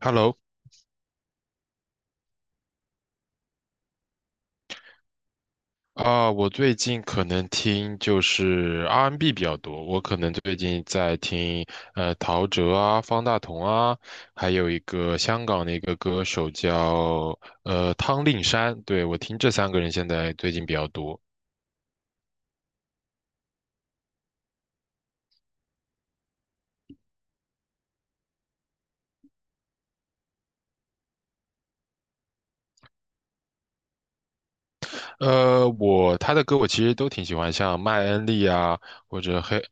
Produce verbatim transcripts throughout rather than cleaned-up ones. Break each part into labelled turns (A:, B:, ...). A: Hello，啊，我最近可能听就是 R and B n 比较多，我可能最近在听呃陶喆啊、方大同啊，还有一个香港的一个歌手叫呃汤令山，对，我听这三个人现在最近比较多。呃，我他的歌我其实都挺喜欢，像麦恩利啊，或者黑，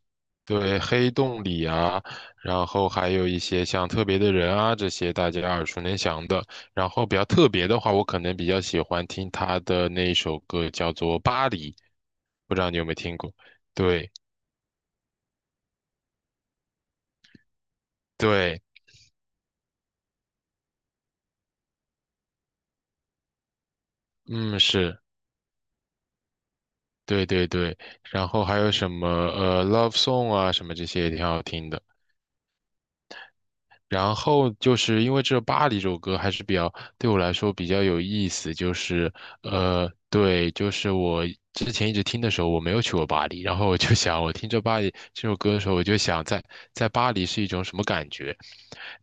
A: 对，黑洞里啊，然后还有一些像特别的人啊，这些大家耳熟能详的。然后比较特别的话，我可能比较喜欢听他的那一首歌，叫做《巴黎》，不知道你有没有听过？对对，嗯，是，对对对。然后还有什么呃，Love Song 啊，什么这些也挺好听的。然后就是因为这《巴黎》这首歌还是比较对我来说比较有意思，就是呃，对，就是我之前一直听的时候我没有去过巴黎，然后我就想，我听这巴黎》这首歌的时候，我就想在在巴黎是一种什么感觉，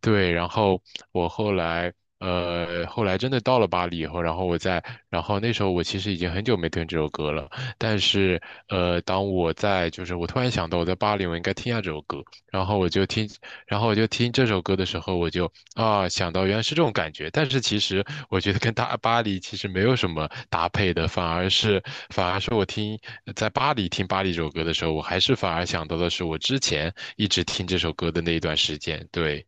A: 对，然后我后来，呃，后来真的到了巴黎以后，然后我在，然后那时候我其实已经很久没听这首歌了，但是，呃，当我在，就是我突然想到我在巴黎，我应该听一下这首歌，然后我就听，然后我就听这首歌的时候，我就啊想到原来是这种感觉，但是其实我觉得跟大 巴黎其实没有什么搭配的，反而是反而是我听在巴黎听巴黎这首歌的时候，我还是反而想到的是我之前一直听这首歌的那一段时间，对。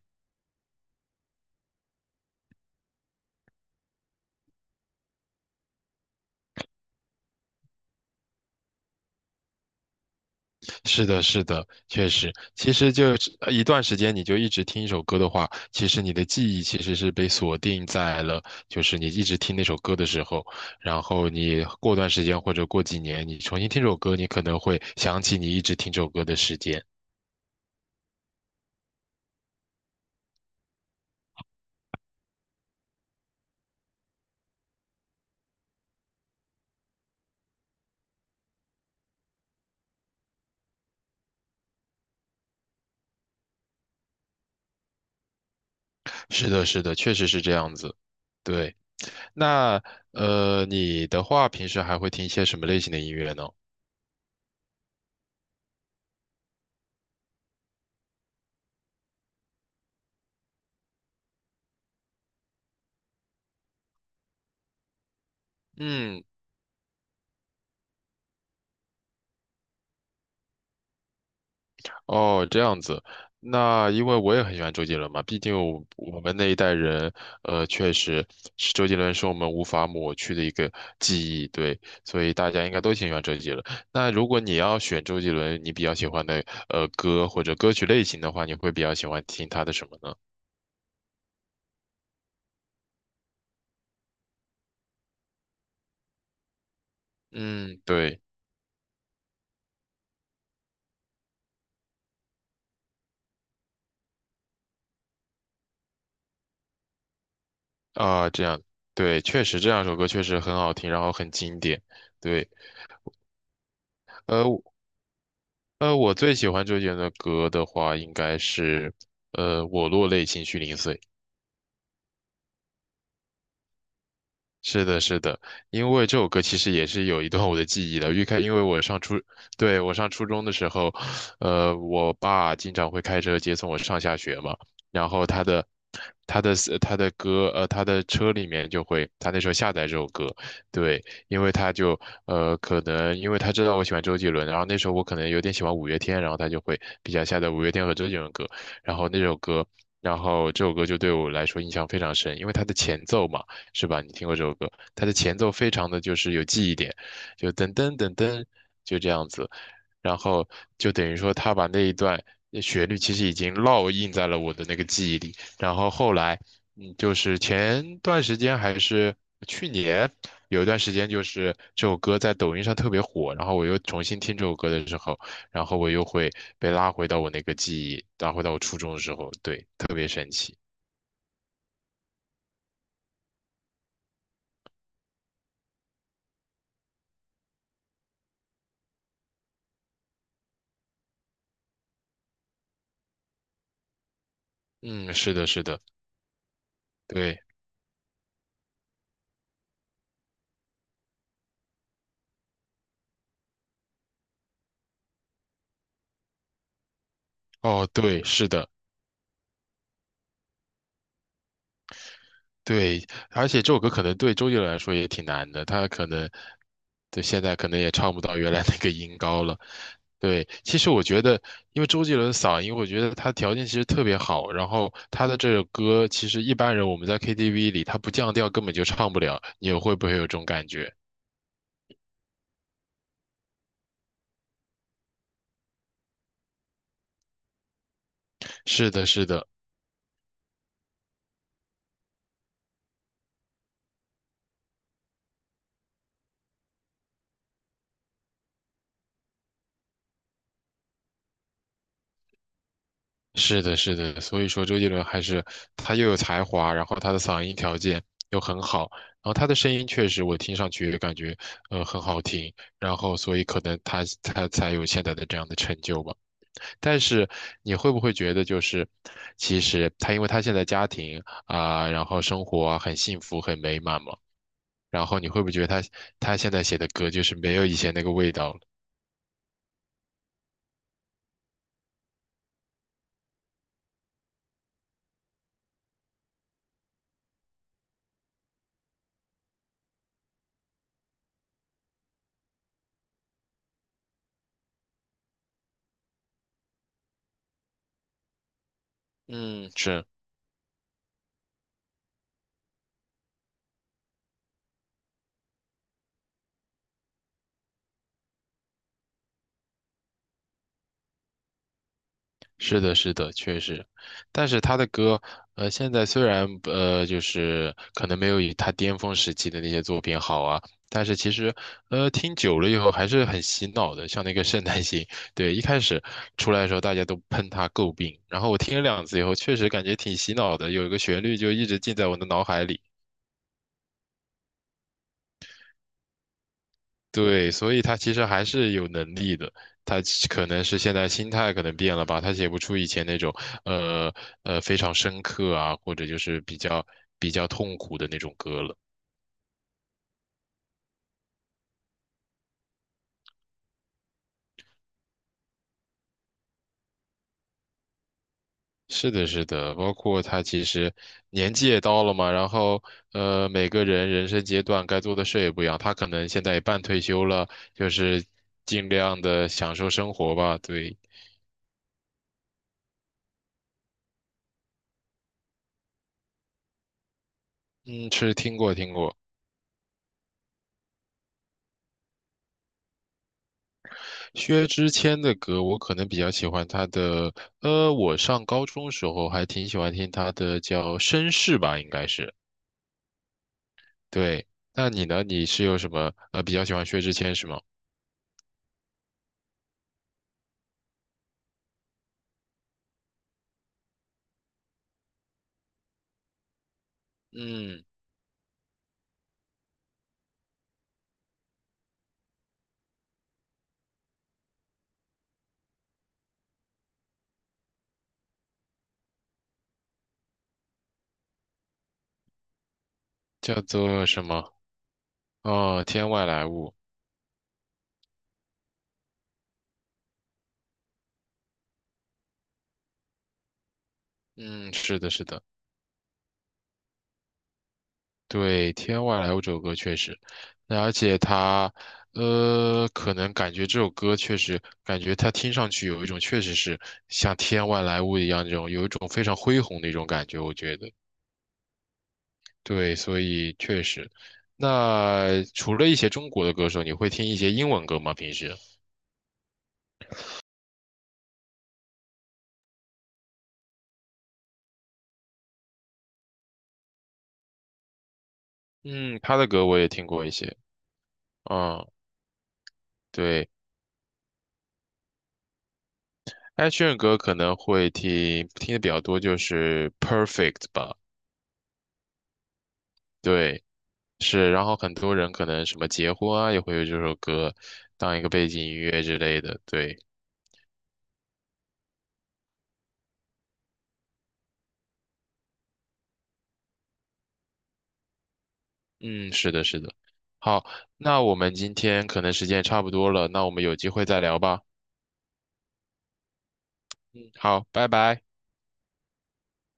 A: 是的，是的，确实，其实就是呃一段时间，你就一直听一首歌的话，其实你的记忆其实是被锁定在了，就是你一直听那首歌的时候，然后你过段时间或者过几年，你重新听首歌，你可能会想起你一直听这首歌的时间。是的，是的，确实是这样子。对，那呃，你的话，平时还会听一些什么类型的音乐呢？嗯。哦，这样子，那因为我也很喜欢周杰伦嘛，毕竟我我们那一代人，呃，确实是周杰伦是我们无法抹去的一个记忆，对，所以大家应该都挺喜欢周杰伦。那如果你要选周杰伦，你比较喜欢的呃歌或者歌曲类型的话，你会比较喜欢听他的什么呢？嗯，对，啊，这样，对，确实这两首歌确实很好听，然后很经典，对。呃，呃，我最喜欢周杰伦的歌的话，应该是呃《我落泪情绪零碎》。是的，是的，因为这首歌其实也是有一段我的记忆的。因为因为我上初，对，我上初中的时候，呃，我爸经常会开车接送我上下学嘛，然后他的他的他的歌，呃，他的车里面就会，他那时候下载这首歌，对，因为他就呃，可能因为他知道我喜欢周杰伦，然后那时候我可能有点喜欢五月天，然后他就会比较下载五月天和周杰伦歌，然后那首歌。然后这首歌就对我来说印象非常深，因为它的前奏嘛。是吧？你听过这首歌，它的前奏非常的就是有记忆点，就噔噔噔噔，就这样子，然后就等于说他把那一段呃旋律其实已经烙印在了我的那个记忆里，然后后来，嗯，就是前段时间还是去年有一段时间，就是这首歌在抖音上特别火，然后我又重新听这首歌的时候，然后我又会被拉回到我那个记忆，拉回到我初中的时候，对，特别神奇。嗯，是的，是的，对。哦，对，是的，对，而且这首歌可能对周杰伦来说也挺难的，他可能对现在可能也唱不到原来那个音高了。对，其实我觉得，因为周杰伦的嗓音，我觉得他条件其实特别好，然后他的这首歌，其实一般人我们在 K T V 里，他不降调根本就唱不了，你会不会有这种感觉？是的，是的。是的，是的，所以说周杰伦还是他又有才华，然后他的嗓音条件又很好，然后他的声音确实我听上去也感觉呃很好听，然后所以可能他他才有现在的这样的成就吧。但是你会不会觉得就是其实他因为他现在家庭啊，然后生活啊很幸福很美满嘛，然后你会不会觉得他他现在写的歌就是没有以前那个味道了？嗯，是是的，是的，确实，但是他的歌，呃，现在虽然呃，就是可能没有以他巅峰时期的那些作品好啊，但是其实，呃，听久了以后还是很洗脑的，像那个《圣诞星》，对，一开始出来的时候大家都喷他诟病，然后我听了两次以后，确实感觉挺洗脑的，有一个旋律就一直记在我的脑海里。对，所以他其实还是有能力的，他其可能是现在心态可能变了吧，他写不出以前那种呃呃非常深刻啊，或者就是比较比较痛苦的那种歌了。是的，是的，包括他其实年纪也到了嘛，然后呃每个人人生阶段该做的事也不一样，他可能现在也半退休了，就是尽量的享受生活吧。对，嗯，是听过听过。薛之谦的歌，我可能比较喜欢他的，呃，我上高中时候还挺喜欢听他的叫绅士吧，应该是。对，那你呢？你是有什么呃比较喜欢薛之谦是吗？嗯，叫做什么？哦，天外来物。嗯，是的，是的，对，天外来物这首歌确实，那而且他，呃，可能感觉这首歌确实，感觉他听上去有一种确实是像天外来物一样这种，有一种非常恢宏的一种感觉，我觉得。对，所以确实，那除了一些中国的歌手，你会听一些英文歌吗？平时？嗯，他的歌我也听过一些。嗯，对，艾炫歌可能会听听的比较多，就是《Perfect》吧。对，是。然后很多人可能什么结婚啊，也会有这首歌当一个背景音乐之类的。对，嗯，是的，是的。好，那我们今天可能时间也差不多了，那我们有机会再聊吧。嗯，好，拜拜。